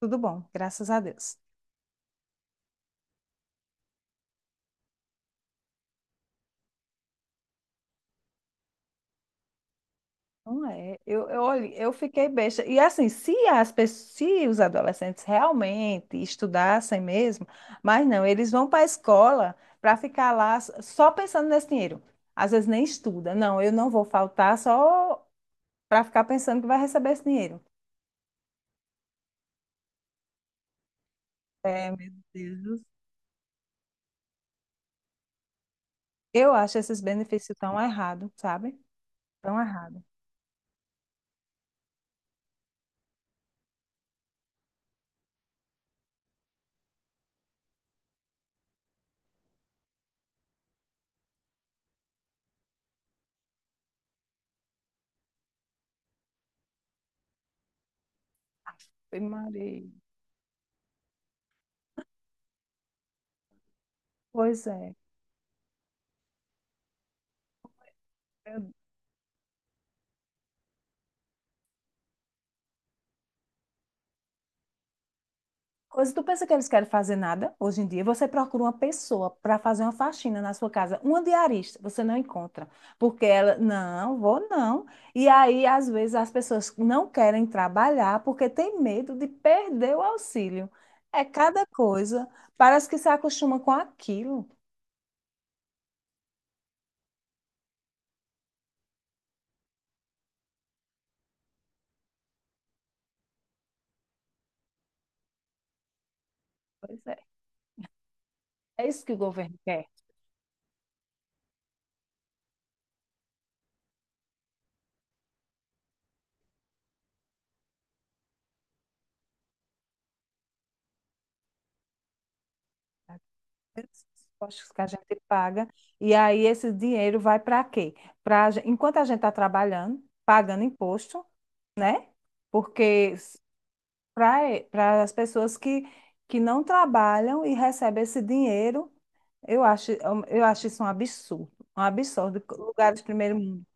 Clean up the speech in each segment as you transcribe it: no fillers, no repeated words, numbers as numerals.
Tudo bom, graças a Deus. Não é, olhe, eu fiquei besta. E assim, se as pessoas, se os adolescentes realmente estudassem mesmo, mas não, eles vão para a escola para ficar só pensando nesse dinheiro. Às vezes nem estuda. Não, eu não vou faltar só para ficar pensando que vai receber esse dinheiro. É, meu Deus. Do Eu acho esses benefícios tão errado, sabe? Tão errado. Ave Maria. Pois é. Coisa, tu pensa que eles querem fazer nada hoje em dia? Você procura uma pessoa para fazer uma faxina na sua casa, uma diarista, você não encontra, porque ela, não, vou não. E aí, às vezes, as pessoas não querem trabalhar porque tem medo de perder o auxílio. É cada coisa, parece que se acostuma com aquilo. Pois é, é isso que o governo quer. Esses impostos que a gente paga, e aí esse dinheiro vai para quê? Enquanto a gente está trabalhando, pagando imposto, porque para as pessoas que não trabalham e recebem esse dinheiro, eu acho, eu acho isso um absurdo. Um absurdo. Lugares de primeiro mundo.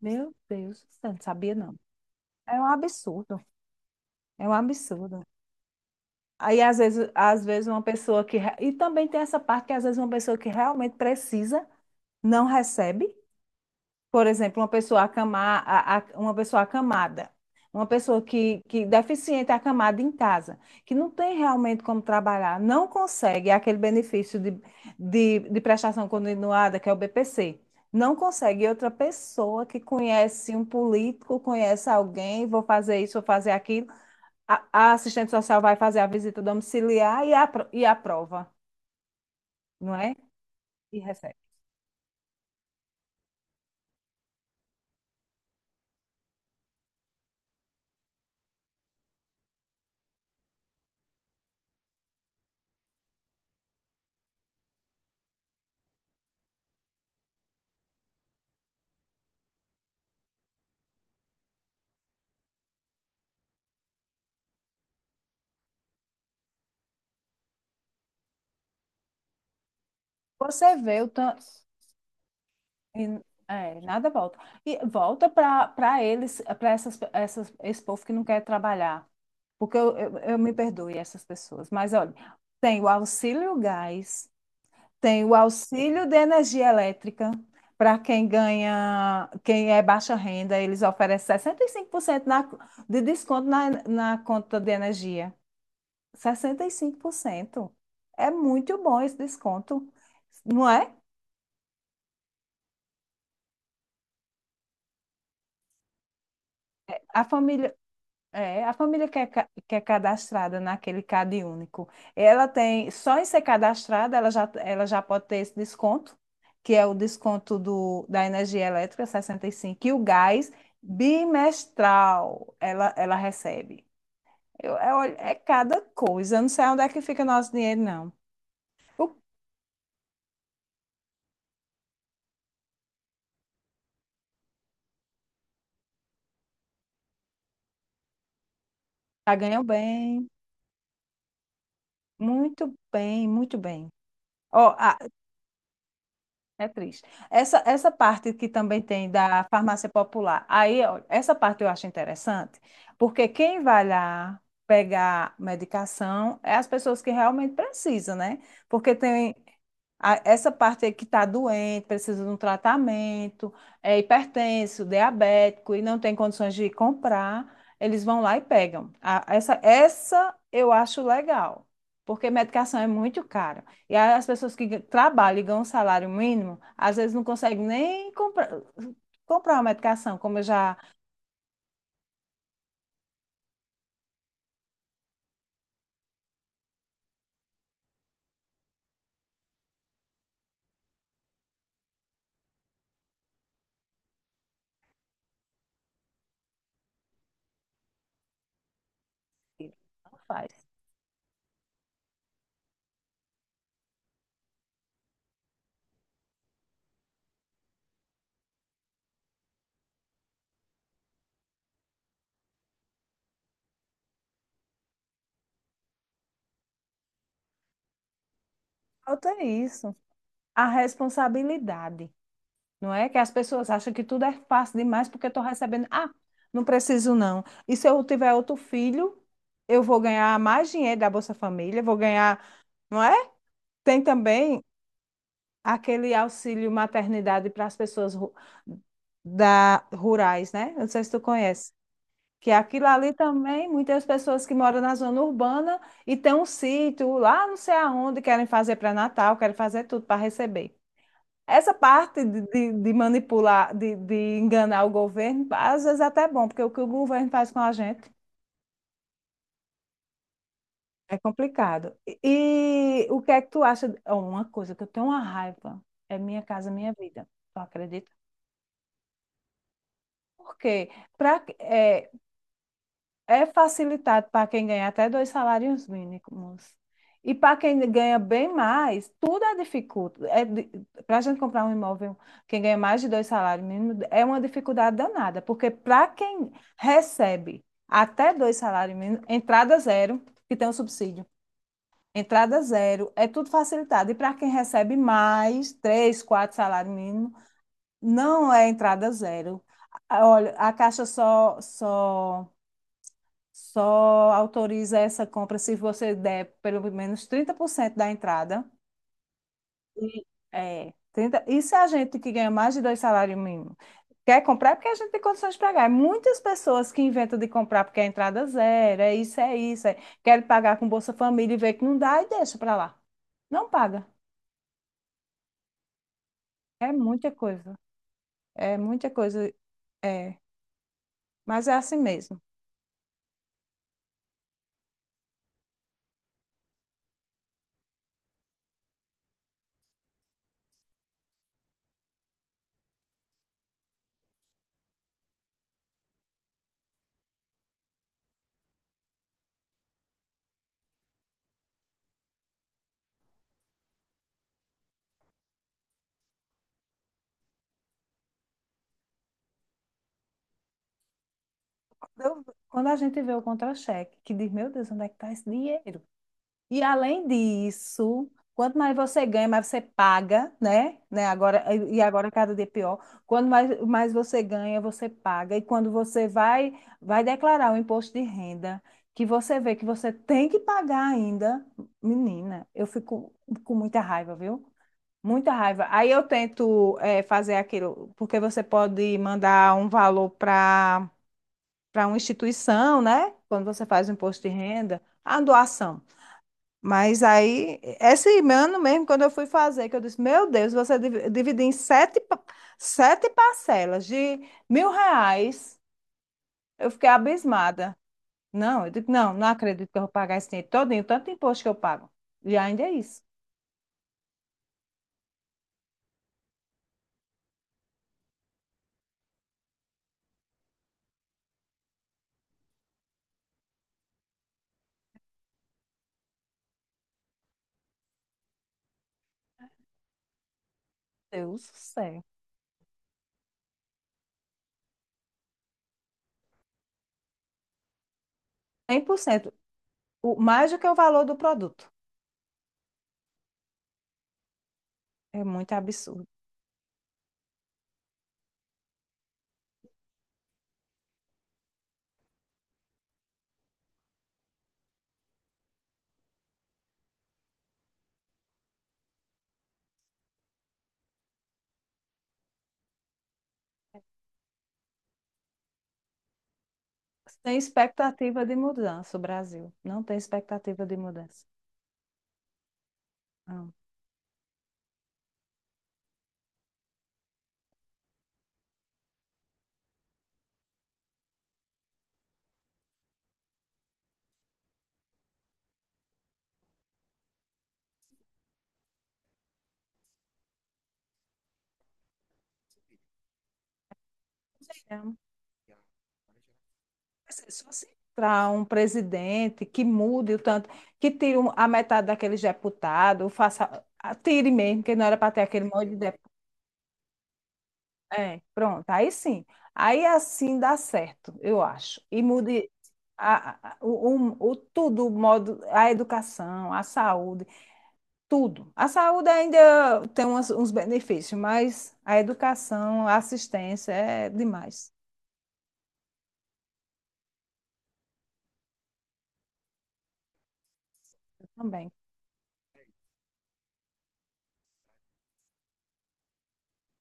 Meu Deus, eu não sabia não. É um absurdo. É um absurdo. Aí, às vezes, uma E também tem essa parte que, às vezes, uma pessoa que realmente precisa não recebe. Por exemplo, uma pessoa acamar, a- uma pessoa acamada, uma pessoa que deficiente acamada em casa, que não tem realmente como trabalhar, não consegue é aquele benefício de prestação continuada, que é o BPC. Não consegue. E outra pessoa que conhece um político, conhece alguém, vou fazer isso, vou fazer aquilo. A assistente social vai fazer a visita domiciliar e, aprova, não é? E recebe. Você vê o tanto. E, é, nada volta. E volta para eles, para esse povo que não quer trabalhar. Porque eu me perdoe essas pessoas. Mas olha, tem o auxílio gás, tem o auxílio de energia elétrica. Para quem ganha, quem é baixa renda, eles oferecem 65% de desconto na conta de energia. 65%. É muito bom esse desconto, não é? A família, É, a família que que é cadastrada naquele Cade Único, ela tem, só em ser cadastrada, ela já pode ter esse desconto, que é o desconto da energia elétrica 65, e cinco, e o gás bimestral ela recebe. Olha, é cada coisa, eu não sei onde é que fica nosso dinheiro, não. O- Já ganham bem, muito bem, muito bem. Ó, a- É triste. Essa parte que também tem da farmácia popular, aí, ó, essa parte eu acho interessante, porque quem vai lá pegar medicação é as pessoas que realmente precisam, né? Porque essa parte aí que está doente, precisa de um tratamento, é hipertenso, diabético e não tem condições de comprar, eles vão lá e pegam. Essa eu acho legal, porque medicação é muito cara. E aí as pessoas que trabalham e ganham um salário mínimo, às vezes não conseguem nem comprar uma medicação, como eu já faz. Falta isso, a responsabilidade. Não é que as pessoas acham que tudo é fácil demais porque estou recebendo. Ah, não preciso não. E se eu tiver outro filho, eu vou ganhar mais dinheiro da Bolsa Família, vou ganhar, não é? Tem também aquele auxílio maternidade para as da rurais, né? Não sei se tu conhece. Que aquilo ali também, muitas pessoas que moram na zona urbana e têm um sítio lá, não sei aonde, querem fazer pré-natal, querem fazer tudo para receber. Essa parte de manipular, de enganar o governo, às vezes até é bom, porque o que o governo faz com a gente é complicado. E o que é que tu acha? Uma coisa que eu tenho uma raiva é minha casa, minha vida. Tu acredita? Por quê? Pra, é, É facilitado para quem ganha até 2 salários mínimos. E para quem ganha bem mais, tudo é dificulto. É, para a gente comprar um imóvel, quem ganha mais de 2 salários mínimos, é uma dificuldade danada, porque para quem recebe até 2 salários mínimos, entrada zero, que tem o subsídio, entrada zero, é tudo facilitado. E para quem recebe mais, 3, 4 salários mínimos, não é entrada zero. Olha, a Caixa só autoriza essa compra se você der pelo menos 30% da entrada. É, 30... Isso é a gente que ganha mais de 2 salários mínimos. Quer comprar é porque a gente tem condições de pagar. Muitas pessoas que inventam de comprar porque a entrada é zero, é isso. É... Querem pagar com Bolsa Família e vê que não dá e deixa para lá. Não paga. É muita coisa. É muita coisa. É. Mas é assim mesmo. Quando a gente vê o contra-cheque, que diz, meu Deus, onde é que está esse dinheiro? E além disso, quanto mais você ganha, mais você paga, né? Né? Agora, e agora cada dia é pior. Quanto mais, mais você ganha, você paga. E quando você vai declarar o imposto de renda, que você vê que você tem que pagar ainda, menina, eu fico com muita raiva, viu? Muita raiva. Aí eu tento fazer aquilo, porque você pode mandar um valor para uma instituição, né? Quando você faz o imposto de renda, a doação. Mas aí, esse ano mesmo, quando eu fui fazer, que eu disse, meu Deus, você dividir em 7 parcelas de R$ 1.000, eu fiquei abismada. Não, eu digo, não, não acredito que eu vou pagar esse dinheiro todinho, tanto imposto que eu pago. E ainda é isso. Deus do céu. 100%, o, mais do que o valor do produto. É muito absurdo. Sem expectativa de mudança, o Brasil. Não tem expectativa de mudança. Não. É só se entrar um presidente que mude o tanto, que tire a metade daqueles deputados, tire mesmo, que não era para ter aquele monte de deputado. É, pronto, aí sim. Aí assim dá certo, eu acho. E mude a- o tudo, o modo, a educação, a saúde, tudo. A saúde ainda tem uns benefícios, mas a educação, a assistência é demais também.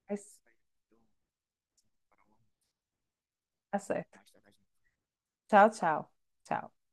Mas Dá certo. Tchau, tchau. Tchau.